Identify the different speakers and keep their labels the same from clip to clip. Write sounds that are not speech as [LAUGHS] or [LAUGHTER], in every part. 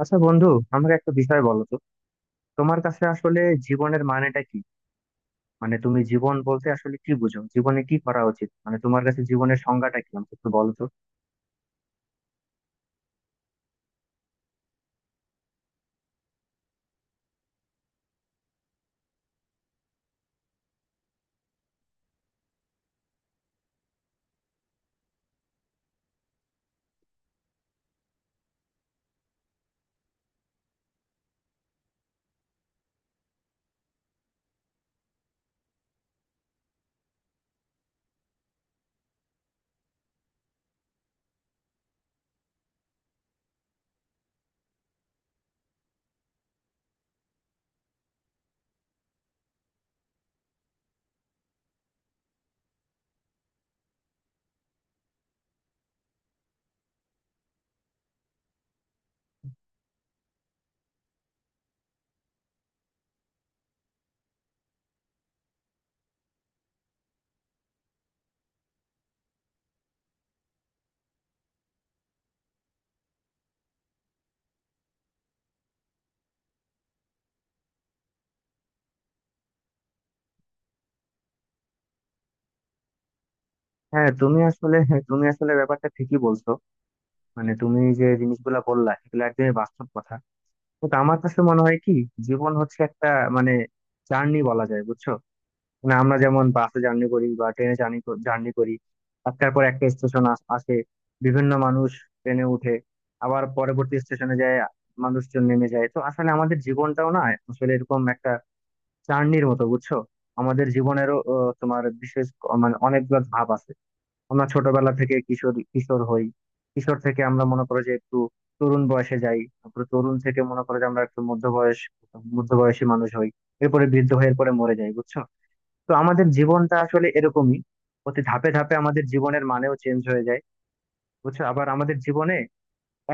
Speaker 1: আচ্ছা বন্ধু, আমাকে একটা বিষয় বলো তো, তোমার কাছে আসলে জীবনের মানেটা কি? মানে তুমি জীবন বলতে আসলে কি বুঝো, জীবনে কি করা উচিত, মানে তোমার কাছে জীবনের সংজ্ঞাটা কি আমাকে একটু বলো তো। হ্যাঁ, তুমি আসলে ব্যাপারটা ঠিকই বলছো। মানে তুমি যে জিনিসগুলা বললা এগুলো একদমই বাস্তব কথা, কিন্তু আমার কাছে মনে হয় কি, জীবন হচ্ছে একটা, মানে, জার্নি বলা যায়, বুঝছো? মানে আমরা যেমন বাসে জার্নি করি বা ট্রেনে জার্নি জার্নি করি, একটার পর একটা স্টেশন আসে, বিভিন্ন মানুষ ট্রেনে উঠে, আবার পরবর্তী স্টেশনে যায়, মানুষজন নেমে যায়। তো আসলে আমাদের জীবনটাও না, আসলে এরকম একটা জার্নির মতো, বুঝছো? আমাদের জীবনেরও তোমার বিশেষ মানে অনেকগুলো ধাপ আছে। আমরা ছোটবেলা থেকে কিশোর কিশোর হই, কিশোর থেকে আমরা মনে করো যে একটু তরুণ বয়সে যাই, তারপরে তরুণ থেকে মনে করো যে আমরা একটু মধ্য বয়স, মধ্য বয়সী মানুষ হই, এরপরে বৃদ্ধ হয়ে এরপরে মরে যাই, বুঝছো? তো আমাদের জীবনটা আসলে এরকমই, প্রতি ধাপে ধাপে আমাদের জীবনের মানেও চেঞ্জ হয়ে যায়, বুঝছো? আবার আমাদের জীবনে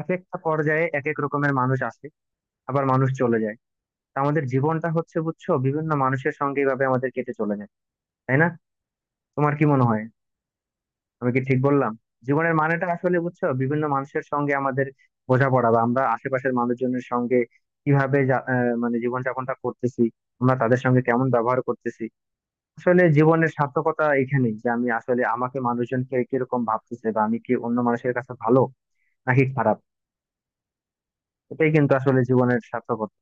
Speaker 1: এক একটা পর্যায়ে এক এক রকমের মানুষ আসে, আবার মানুষ চলে যায়। তা আমাদের জীবনটা হচ্ছে, বুঝছো, বিভিন্ন মানুষের সঙ্গে এভাবে আমাদের কেটে চলে যায়, তাই না? তোমার কি মনে হয়, আমি কি ঠিক বললাম? জীবনের মানেটা আসলে, বুঝছো, বিভিন্ন মানুষের সঙ্গে আমাদের বোঝাপড়া, বা আমরা আশেপাশের মানুষজনের সঙ্গে কিভাবে মানে জীবনযাপনটা করতেছি, আমরা তাদের সঙ্গে কেমন ব্যবহার করতেছি। আসলে জীবনের সার্থকতা এখানেই যে আমি আসলে, আমাকে মানুষজন কে কিরকম ভাবতেছে, বা আমি কি অন্য মানুষের কাছে ভালো নাকি খারাপ, এটাই কিন্তু আসলে জীবনের সার্থকতা।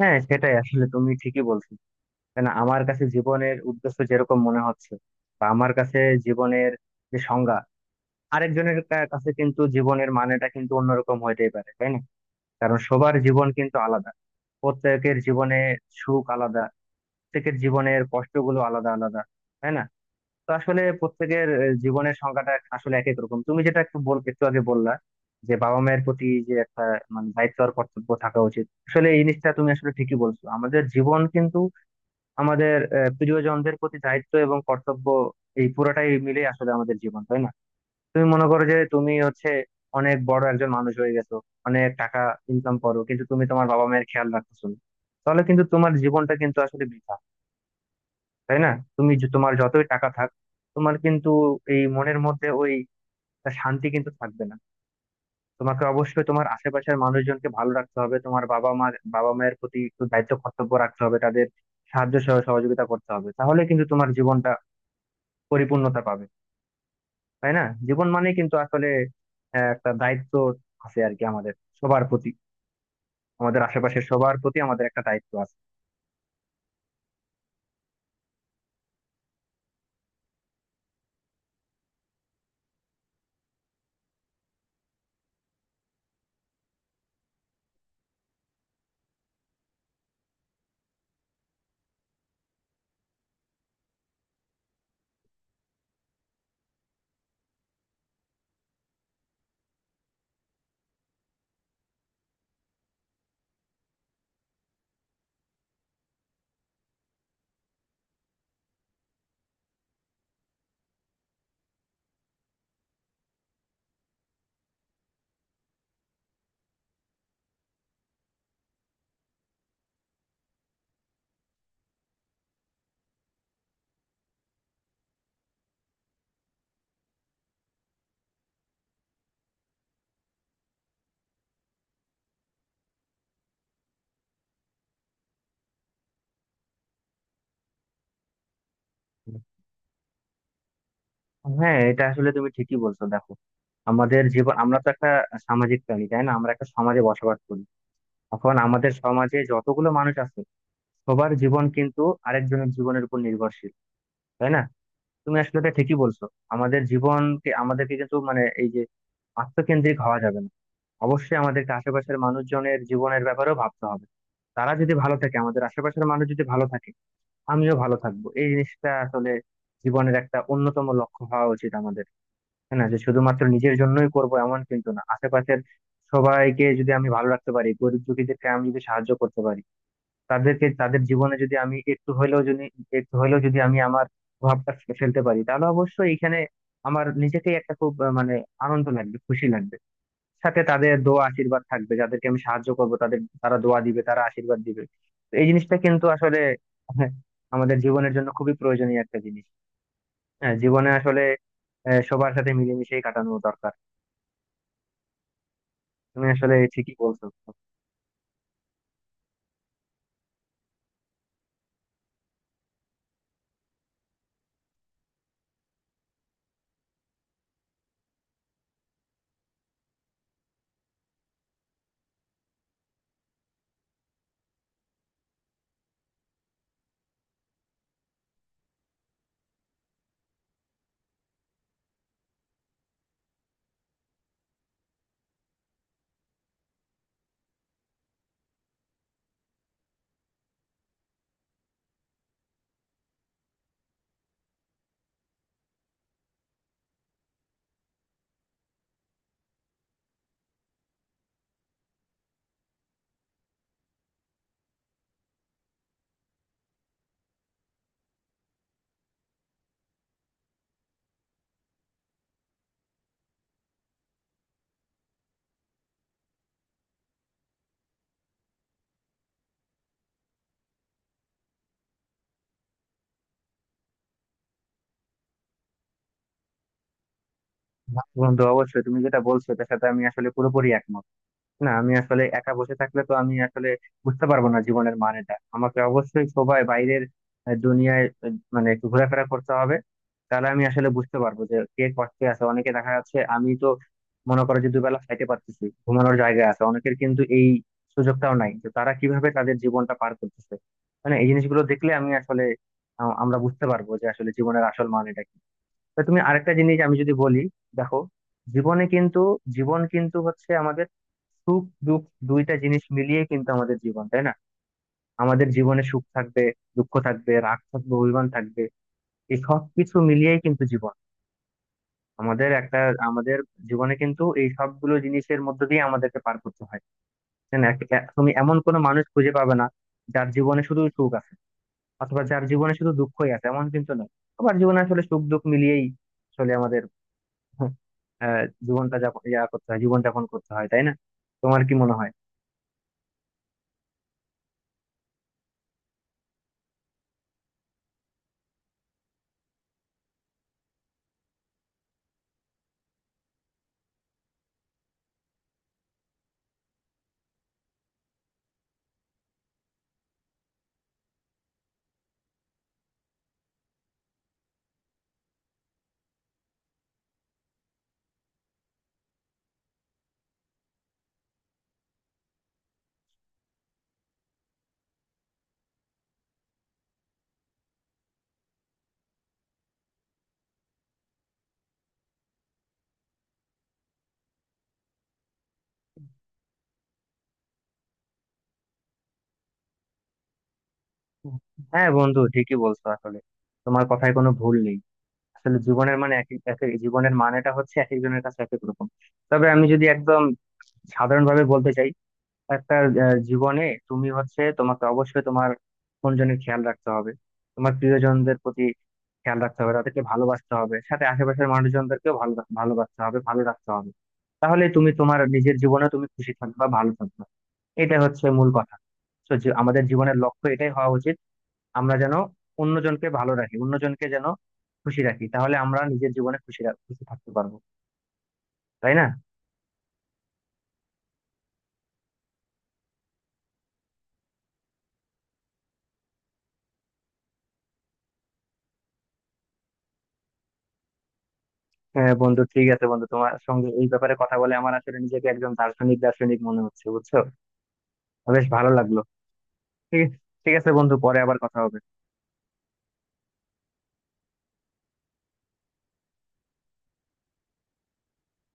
Speaker 1: হ্যাঁ সেটাই, আসলে তুমি ঠিকই বলছো। কেন আমার কাছে জীবনের উদ্দেশ্য যেরকম মনে হচ্ছে, বা আমার কাছে জীবনের যে সংজ্ঞা, আরেকজনের কাছে কিন্তু জীবনের মানেটা কিন্তু অন্যরকম হইতেই পারে, তাই না? কারণ সবার জীবন কিন্তু আলাদা, প্রত্যেকের জীবনে সুখ আলাদা, প্রত্যেকের জীবনের কষ্টগুলো আলাদা আলাদা, তাই না? তো আসলে প্রত্যেকের জীবনের সংখ্যাটা আসলে এক এক রকম। তুমি যেটা একটু বল, একটু আগে বললা যে বাবা মায়ের প্রতি যে একটা, মানে, দায়িত্ব আর কর্তব্য থাকা উচিত, আসলে এই জিনিসটা তুমি আসলে ঠিকই বলছো। আমাদের জীবন কিন্তু আমাদের প্রিয়জনদের প্রতি দায়িত্ব এবং কর্তব্য, এই পুরোটাই মিলে আসলে আমাদের জীবন, তাই না? তুমি মনে করো যে তুমি হচ্ছে অনেক বড় একজন মানুষ হয়ে গেছো, অনেক টাকা ইনকাম করো, কিন্তু তুমি তোমার বাবা মায়ের খেয়াল রাখতেছো না, তাহলে কিন্তু তোমার জীবনটা কিন্তু আসলে বৃথা, তাই না? তুমি তোমার যতই টাকা থাক, তোমার কিন্তু এই মনের মধ্যে ওই শান্তি কিন্তু থাকবে না। তোমাকে অবশ্যই তোমার আশেপাশের মানুষজনকে ভালো রাখতে হবে, তোমার বাবা মা, বাবা মায়ের প্রতি একটু দায়িত্ব কর্তব্য রাখতে হবে, তাদের সাহায্য সহ সহযোগিতা করতে হবে, তাহলে কিন্তু তোমার জীবনটা পরিপূর্ণতা পাবে, তাই না? জীবন মানে কিন্তু আসলে একটা দায়িত্ব আছে আর কি, আমাদের সবার প্রতি, আমাদের আশেপাশের সবার প্রতি আমাদের একটা দায়িত্ব আছে। হ্যাঁ, এটা আসলে তুমি ঠিকই বলছো। দেখো, আমাদের জীবন, আমরা তো একটা সামাজিক প্রাণী, তাই না? আমরা একটা সমাজে বসবাস করি, এখন আমাদের সমাজে যতগুলো মানুষ আছে, সবার জীবন কিন্তু আরেকজনের জীবনের উপর নির্ভরশীল, তাই না? তুমি আসলে এটা ঠিকই বলছো। আমাদের জীবনকে, আমাদেরকে কিন্তু, মানে, এই যে আত্মকেন্দ্রিক হওয়া যাবে না, অবশ্যই আমাদেরকে আশেপাশের মানুষজনের জীবনের ব্যাপারেও ভাবতে হবে। তারা যদি ভালো থাকে, আমাদের আশেপাশের মানুষ যদি ভালো থাকে, আমিও ভালো থাকবো, এই জিনিসটা আসলে জীবনের একটা অন্যতম লক্ষ্য হওয়া উচিত আমাদের। হ্যাঁ, না যে শুধুমাত্র নিজের জন্যই করব এমন কিন্তু না, আশেপাশের সবাইকে যদি আমি ভালো রাখতে পারি, গরিব দুঃখীদেরকে আমি যদি সাহায্য করতে পারি, তাদেরকে, তাদের জীবনে যদি আমি একটু হলেও যদি, একটু হলেও যদি আমি আমার প্রভাবটা ফেলতে পারি, তাহলে অবশ্যই এখানে আমার নিজেকেই একটা খুব মানে আনন্দ লাগবে, খুশি লাগবে, সাথে তাদের দোয়া আশীর্বাদ থাকবে। যাদেরকে আমি সাহায্য করব তাদের, তারা দোয়া দিবে, তারা আশীর্বাদ দিবে, তো এই জিনিসটা কিন্তু আসলে [LAUGHS] হ্যাঁ, আমাদের জীবনের জন্য খুবই প্রয়োজনীয় একটা জিনিস। হ্যাঁ, জীবনে আসলে সবার সাথে মিলেমিশেই কাটানো দরকার। তুমি আসলে ঠিকই বলছো। বন্ধু, অবশ্যই তুমি যেটা বলছো এটার সাথে আমি আসলে পুরোপুরি একমত। না, আমি আসলে একা বসে থাকলে তো আমি আসলে বুঝতে পারবো না জীবনের মানেটা, আমাকে অবশ্যই সবাই বাইরের দুনিয়ায় মানে একটু ঘোরাফেরা করতে হবে। তাহলে আমি আসলে বুঝতে পারবো যে কে কষ্টে আছে, অনেকে দেখা যাচ্ছে, আমি তো মনে করো যে দুবেলা খাইতে পারতেছি, ঘুমানোর জায়গা আছে, অনেকের কিন্তু এই সুযোগটাও নাই যে তারা কিভাবে তাদের জীবনটা পার করতেছে। মানে এই জিনিসগুলো দেখলে আমি আসলে আমরা বুঝতে পারবো যে আসলে জীবনের আসল মানেটা কি। তা তুমি আরেকটা জিনিস, আমি যদি বলি, দেখো, জীবনে কিন্তু, জীবন কিন্তু হচ্ছে আমাদের সুখ দুঃখ, দুইটা জিনিস মিলিয়ে কিন্তু আমাদের জীবন, তাই না? আমাদের জীবনে সুখ থাকবে, দুঃখ থাকবে, রাগ থাকবে, অভিমান থাকবে, এই সব কিছু মিলিয়েই কিন্তু জীবন আমাদের একটা, আমাদের জীবনে কিন্তু এই সবগুলো জিনিসের মধ্য দিয়ে আমাদেরকে পার করতে হয়, তাই না? তুমি এমন কোনো মানুষ খুঁজে পাবে না যার জীবনে শুধু সুখ আছে, অথবা যার জীবনে শুধু দুঃখই আছে, এমন কিন্তু নয়। সবার জীবনে আসলে সুখ দুঃখ মিলিয়েই চলে আমাদের। [LAUGHS] আহ, জীবনটা যাপন করতে হয়, জীবন যাপন করতে হয়, তাই না? তোমার কি মনে হয়? হ্যাঁ বন্ধু, ঠিকই বলছো আসলে, তোমার কথায় কোনো ভুল নেই। আসলে জীবনের মানে এক এক, জীবনের মানেটা হচ্ছে এক একজনের কাছে এক এক রকম। তবে আমি যদি একদম সাধারণভাবে বলতে চাই, একটা জীবনে, তুমি হচ্ছে, তোমাকে অবশ্যই তোমার জনের খেয়াল রাখতে হবে, তোমার প্রিয়জনদের প্রতি খেয়াল রাখতে হবে, তাদেরকে ভালোবাসতে হবে, সাথে আশেপাশের মানুষজনদেরকেও ভালোবাসতে হবে, ভালো রাখতে হবে। তাহলে তুমি তোমার নিজের জীবনে তুমি খুশি থাকবা, ভালো থাকবা, এটা হচ্ছে মূল কথা। তো যে আমাদের জীবনের লক্ষ্য এটাই হওয়া উচিত, আমরা যেন অন্যজনকে ভালো রাখি, অন্যজনকে যেন খুশি রাখি, তাহলে আমরা নিজের জীবনে খুশি থাকতে পারবো, তাই না? হ্যাঁ বন্ধু, ঠিক আছে বন্ধু, তোমার সঙ্গে এই ব্যাপারে কথা বলে আমার আসলে নিজেকে একজন দার্শনিক দার্শনিক মনে হচ্ছে, বুঝছো? বেশ ভালো লাগলো। ঠিক ঠিক আছে বন্ধু, পরে আবার কথা হবে।